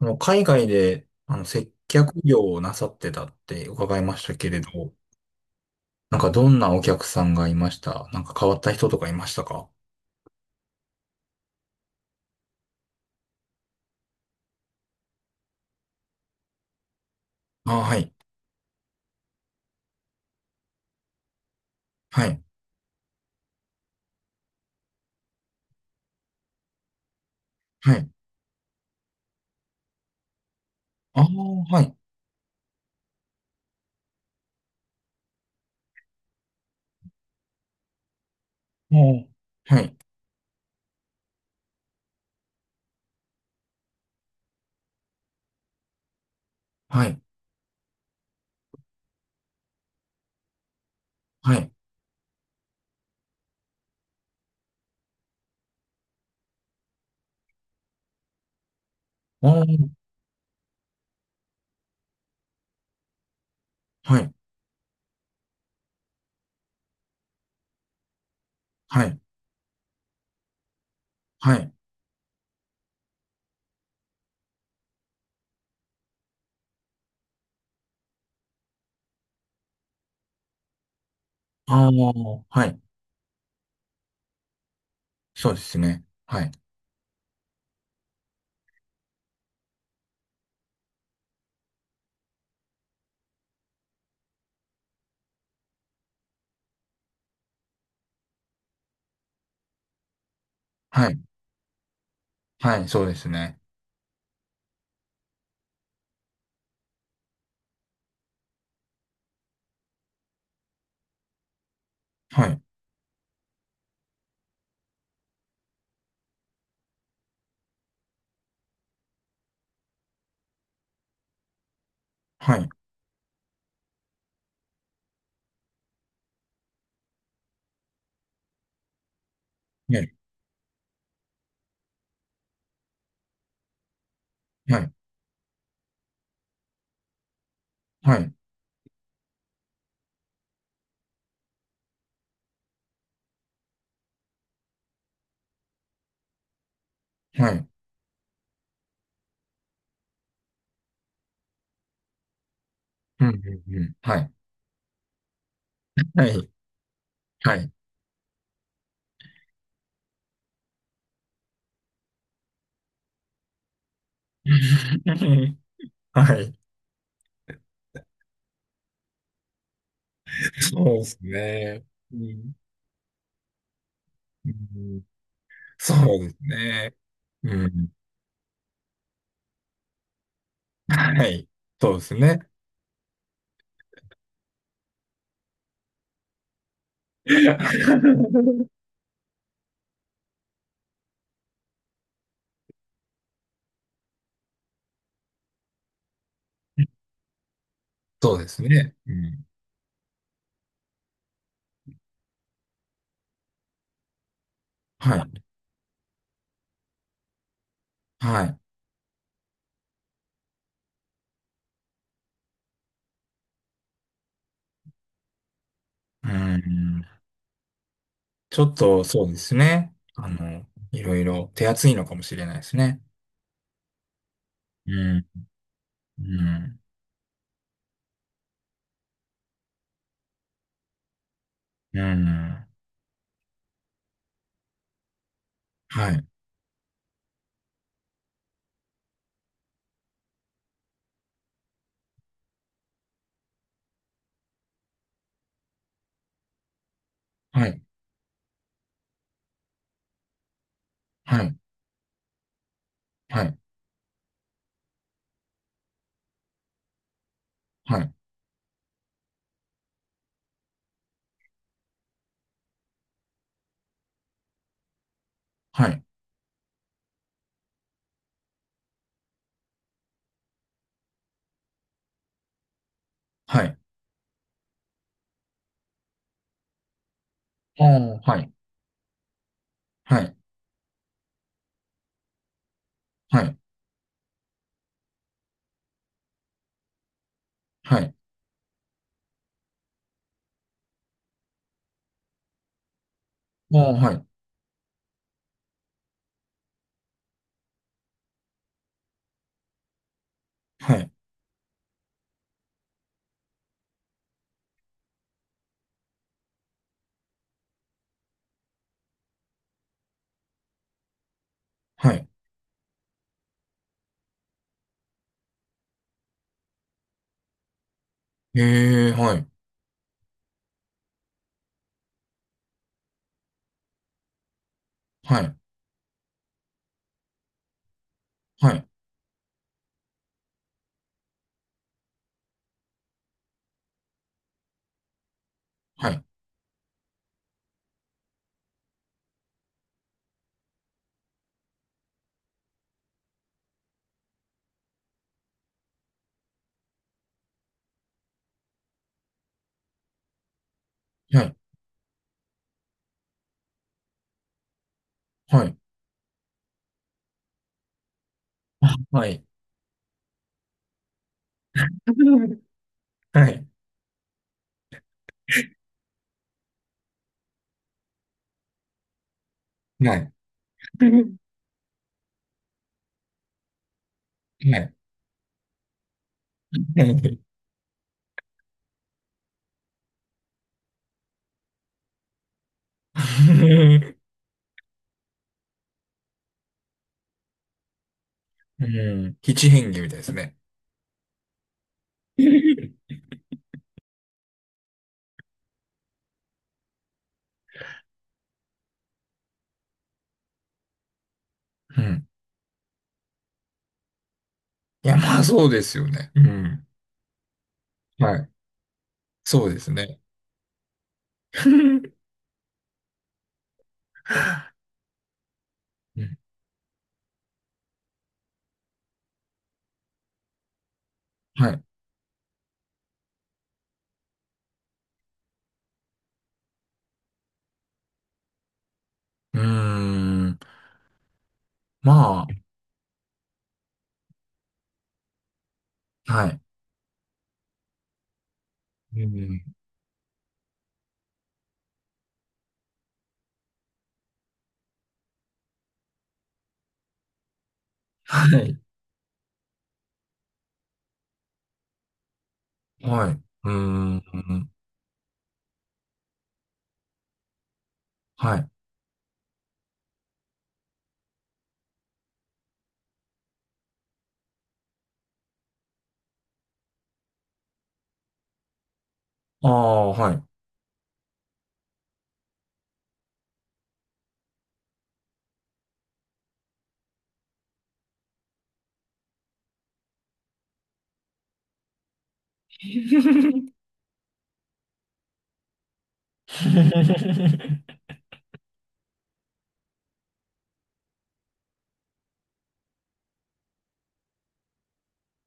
あの、海外で、接客業をなさってたって伺いましたけれど、なんかどんなお客さんがいましたなんか変わった人とかいましたか？ああ、はい。はい。はい。ああ、はい。もう、はい。はい。はい。ああ、はい。はい。はい。ああ、はい。そうですね。はい。はい。はい。そうですね。はい。はい。はい。はい。はい。はい。うん、うん、うん。はい。はい。はい。はい。そうですね。うん、うん。そうですね。うん。はい。そうですね。そうですね。うん。はい。はい。うん。ちょっと、そうですね。いろいろ手厚いのかもしれないですね。うん。うん。うん。はい。はい。はい。はい。はい。はい。はい。ああ、はい。はい。はい。はい。ああ、はい。はい。はい。へえ、はい。はい。はい、はい、はい、はい、はい、はい、はい、はい。うん。七変化みたいですね。うん。いや、まあそうですよね。うん。はい。そうですね。うん、はい。うーん。まあ、はい。うん。はい。はい。うーん。はい。ああ、はい。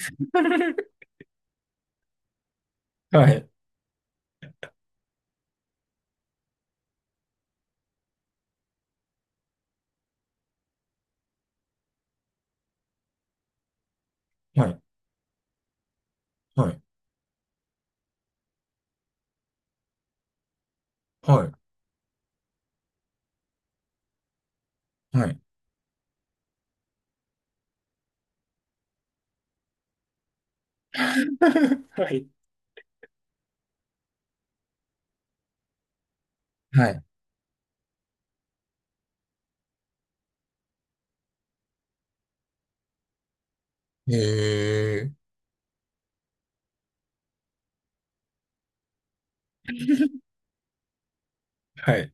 はい。はい。はい。はい。はい。はい。はい。えー。はい。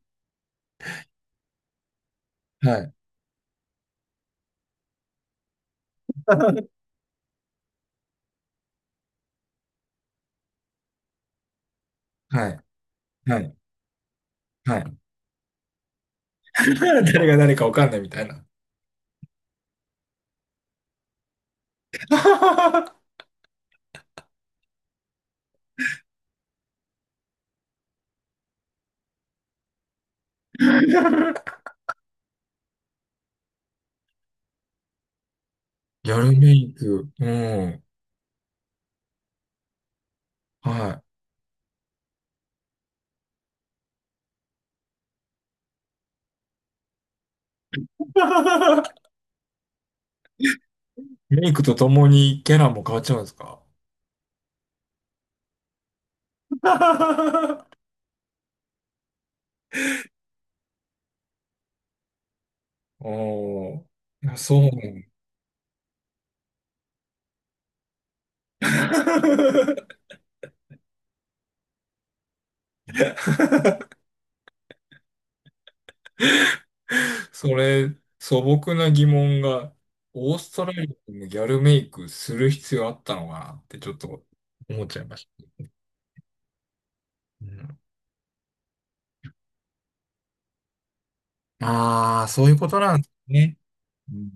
はい。はい。はい。はい。誰が誰かわかんないみたいな。やるメイク。うん。はい。メイクとともにキャラも変わっちゃうんですか？ おー。いやそうなん。 それ、素朴な疑問が、オーストラリアのギャルメイクする必要あったのかなってちょっと思っちゃいました。うん、ああ、そういうことなんですね。うん、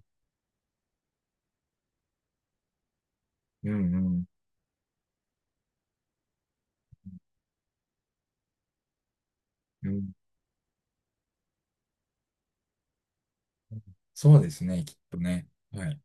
うん、うん。うん。そうですね、きっとね。はい。